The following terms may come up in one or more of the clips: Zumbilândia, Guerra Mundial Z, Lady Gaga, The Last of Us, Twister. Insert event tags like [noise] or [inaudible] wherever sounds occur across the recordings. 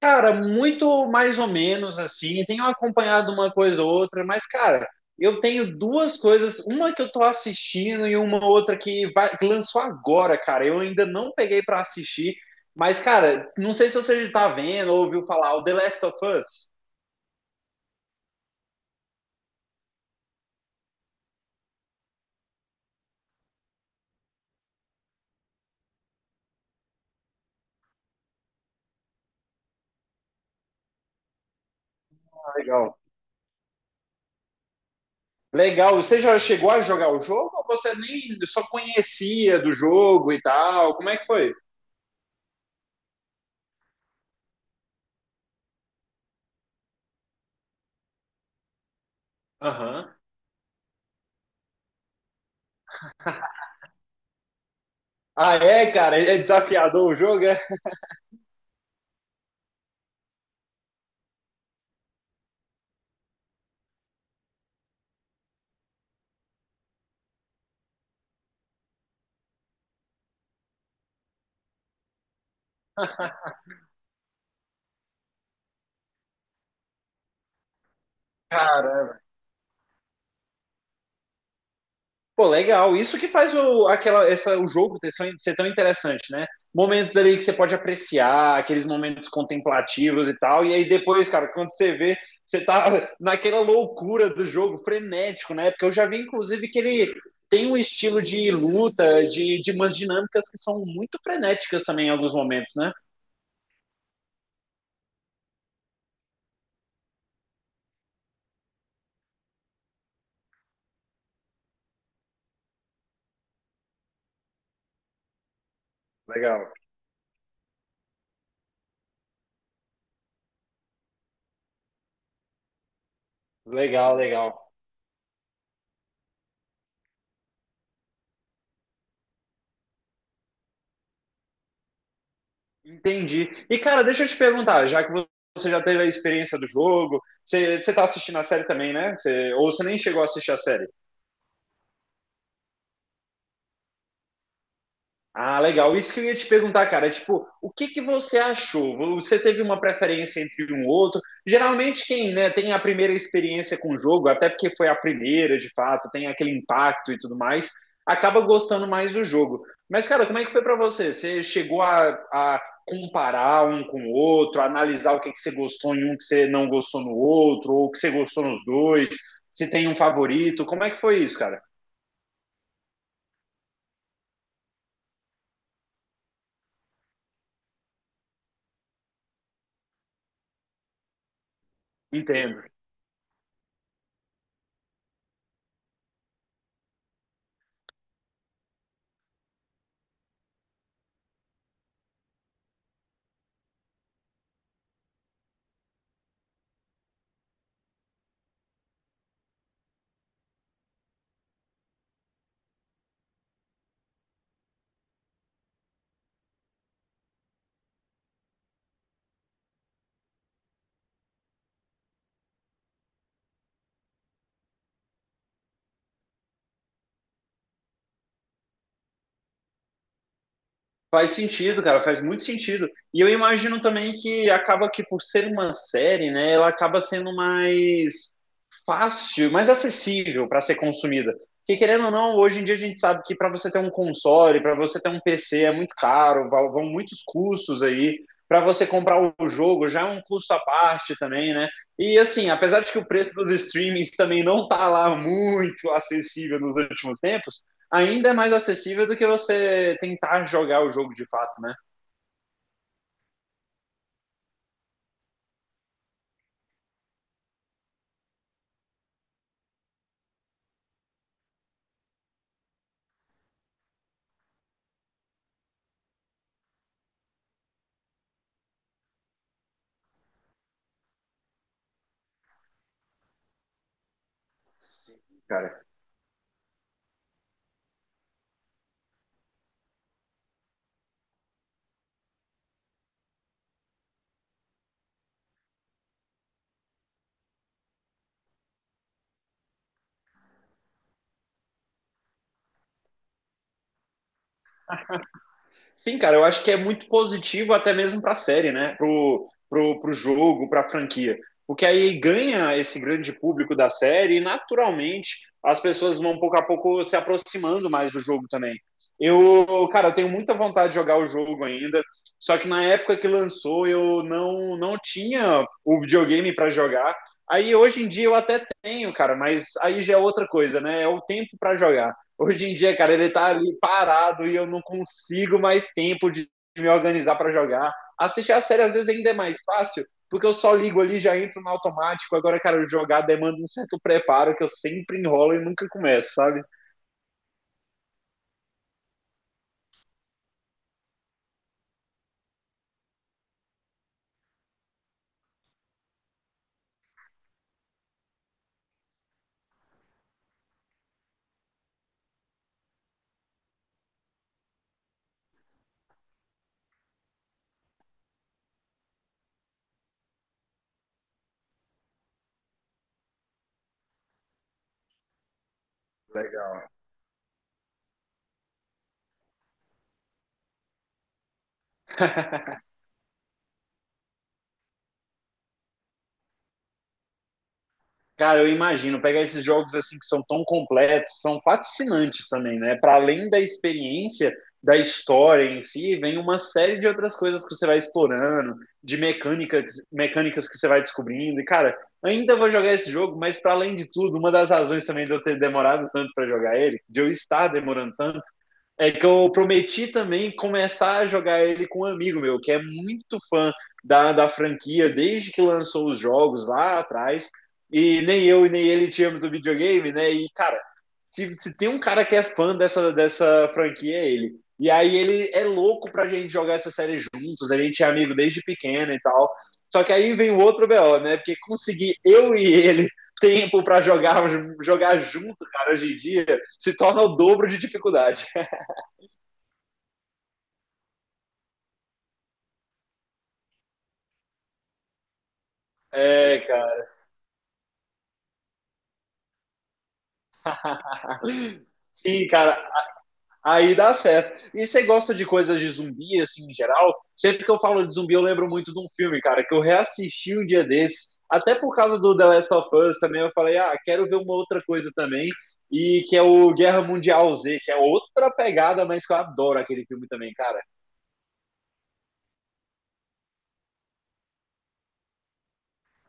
Cara, muito mais ou menos assim. Tenho acompanhado uma coisa ou outra, mas, cara, eu tenho duas coisas. Uma que eu tô assistindo e uma outra que, que lançou agora, cara. Eu ainda não peguei pra assistir, mas, cara, não sei se você já tá vendo ou ouviu falar, o The Last of Us. Ah, legal. Legal. Você já chegou a jogar o jogo ou você nem só conhecia do jogo e tal? Como é que foi? Aham. Ah, é, cara? É desafiador o jogo, é? Caramba. Pô, legal. Isso que faz o jogo ter, ser tão interessante, né? Momentos ali que você pode apreciar, aqueles momentos contemplativos e tal. E aí depois, cara, quando você vê, você tá [laughs] naquela loucura do jogo, frenético, né? Porque eu já vi, inclusive, que ele tem um estilo de luta, de umas dinâmicas que são muito frenéticas também em alguns momentos, né? Legal. Legal, legal. Entendi. E, cara, deixa eu te perguntar, já que você já teve a experiência do jogo, você tá assistindo a série também, né? Ou você nem chegou a assistir a série? Ah, legal. Isso que eu ia te perguntar, cara. Tipo, o que que você achou? Você teve uma preferência entre um ou outro? Geralmente quem, né, tem a primeira experiência com o jogo, até porque foi a primeira, de fato, tem aquele impacto e tudo mais, acaba gostando mais do jogo. Mas, cara, como é que foi pra você? Você chegou a comparar um com o outro, a analisar o que que você gostou em um que você não gostou no outro, ou o que você gostou nos dois? Se tem um favorito? Como é que foi isso, cara? Entendo. Faz sentido, cara, faz muito sentido. E eu imagino também que acaba que por ser uma série, né, ela acaba sendo mais fácil, mais acessível para ser consumida. Porque querendo ou não, hoje em dia a gente sabe que para você ter um console, para você ter um PC é muito caro, vão muitos custos aí. Para você comprar o jogo já é um custo à parte também, né? E assim, apesar de que o preço dos streamings também não tá lá muito acessível nos últimos tempos, ainda é mais acessível do que você tentar jogar o jogo de fato, né? Cara. Sim, cara, eu acho que é muito positivo até mesmo para a série, né? Pro jogo, para a franquia. Porque aí ganha esse grande público da série e naturalmente as pessoas vão pouco a pouco se aproximando mais do jogo também. Eu, cara, eu tenho muita vontade de jogar o jogo ainda, só que na época que lançou eu não tinha o videogame para jogar. Aí hoje em dia eu até tenho, cara, mas aí já é outra coisa, né? É o tempo para jogar. Hoje em dia, cara, ele tá ali parado e eu não consigo mais tempo de me organizar para jogar. Assistir a série às vezes ainda é mais fácil, porque eu só ligo ali, já entro no automático. Agora, cara, jogar demanda um certo preparo que eu sempre enrolo e nunca começo, sabe? Legal. [laughs] Cara, eu imagino, pegar esses jogos assim que são tão completos, são fascinantes também, né? Para além da experiência, da história em si, vem uma série de outras coisas que você vai explorando, de mecânicas, mecânicas que você vai descobrindo. E cara, ainda vou jogar esse jogo, mas para além de tudo, uma das razões também de eu ter demorado tanto para jogar ele, de eu estar demorando tanto é que eu prometi também começar a jogar ele com um amigo meu, que é muito fã da franquia desde que lançou os jogos lá atrás. E nem eu e nem ele tínhamos o videogame, né? E, cara, se tem um cara que é fã dessa franquia, é ele. E aí ele é louco pra gente jogar essa série juntos, a gente é amigo desde pequeno e tal. Só que aí vem o outro BO, né? Porque conseguir eu e ele tempo pra jogar, jogar junto, cara, hoje em dia, se torna o dobro de dificuldade. É, cara. Sim, cara. Aí dá certo. E você gosta de coisas de zumbi, assim, em geral? Sempre que eu falo de zumbi, eu lembro muito de um filme, cara, que eu reassisti um dia desse. Até por causa do The Last of Us também, eu falei, ah, quero ver uma outra coisa também. E que é o Guerra Mundial Z, que é outra pegada, mas que eu adoro aquele filme também, cara.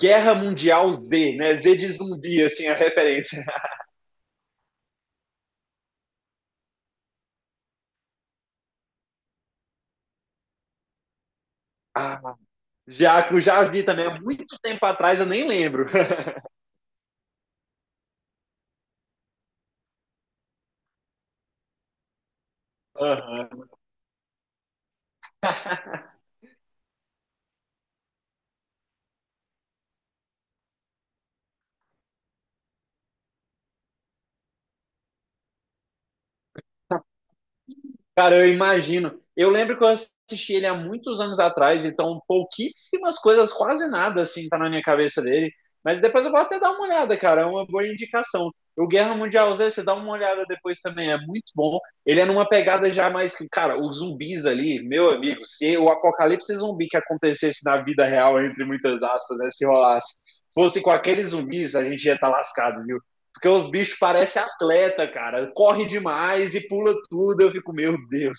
Guerra Mundial Z, né? Z de zumbi, assim, a referência. [laughs] Ah, já vi também, há muito tempo atrás, eu nem lembro. [laughs] Aham. Cara, eu imagino. Eu lembro que eu assisti ele há muitos anos atrás, então pouquíssimas coisas, quase nada, assim, tá na minha cabeça dele. Mas depois eu vou até dar uma olhada, cara, é uma boa indicação. O Guerra Mundial Z, você dá uma olhada depois também, é muito bom. Ele é numa pegada já mais que, cara, os zumbis ali, meu amigo, se o apocalipse zumbi que acontecesse na vida real, entre muitas aspas, né, se rolasse, fosse com aqueles zumbis, a gente ia estar lascado, viu? Porque os bichos parecem atleta, cara. Corre demais e pula tudo. Eu fico, meu Deus.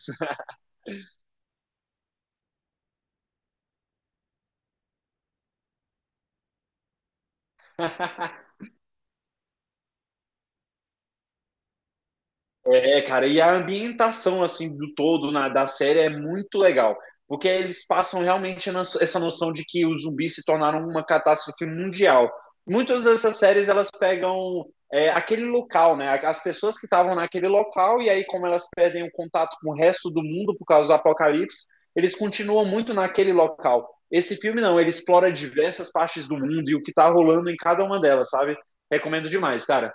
É, cara, e a ambientação assim do todo na, da série é muito legal, porque eles passam realmente essa noção de que os zumbis se tornaram uma catástrofe mundial. Muitas dessas séries elas pegam aquele local, né? As pessoas que estavam naquele local e aí como elas perdem o contato com o resto do mundo por causa do apocalipse, eles continuam muito naquele local. Esse filme não, ele explora diversas partes do mundo e o que tá rolando em cada uma delas, sabe? Recomendo demais, cara.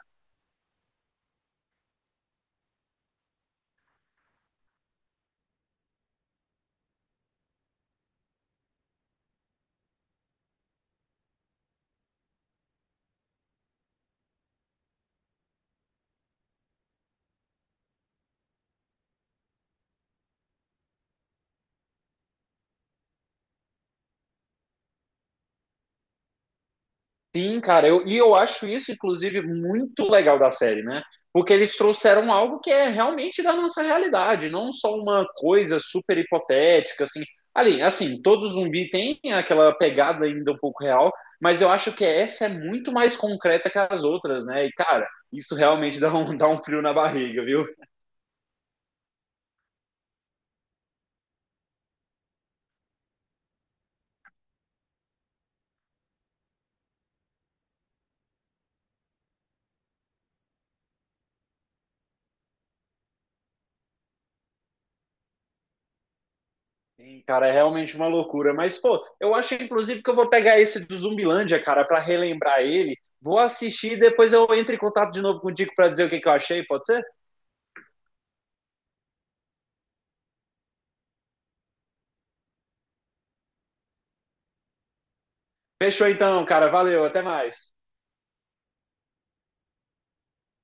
Sim, cara, e eu acho isso, inclusive, muito legal da série, né? Porque eles trouxeram algo que é realmente da nossa realidade, não só uma coisa super hipotética, assim. Ali, assim, todo zumbi tem aquela pegada ainda um pouco real, mas eu acho que essa é muito mais concreta que as outras, né? E, cara, isso realmente [laughs] dá um frio na barriga, viu? Sim, cara, é realmente uma loucura. Mas, pô, eu acho inclusive que eu vou pegar esse do Zumbilândia, cara, pra relembrar ele. Vou assistir e depois eu entro em contato de novo contigo pra dizer o que que eu achei, pode ser? Fechou então, cara. Valeu, até mais.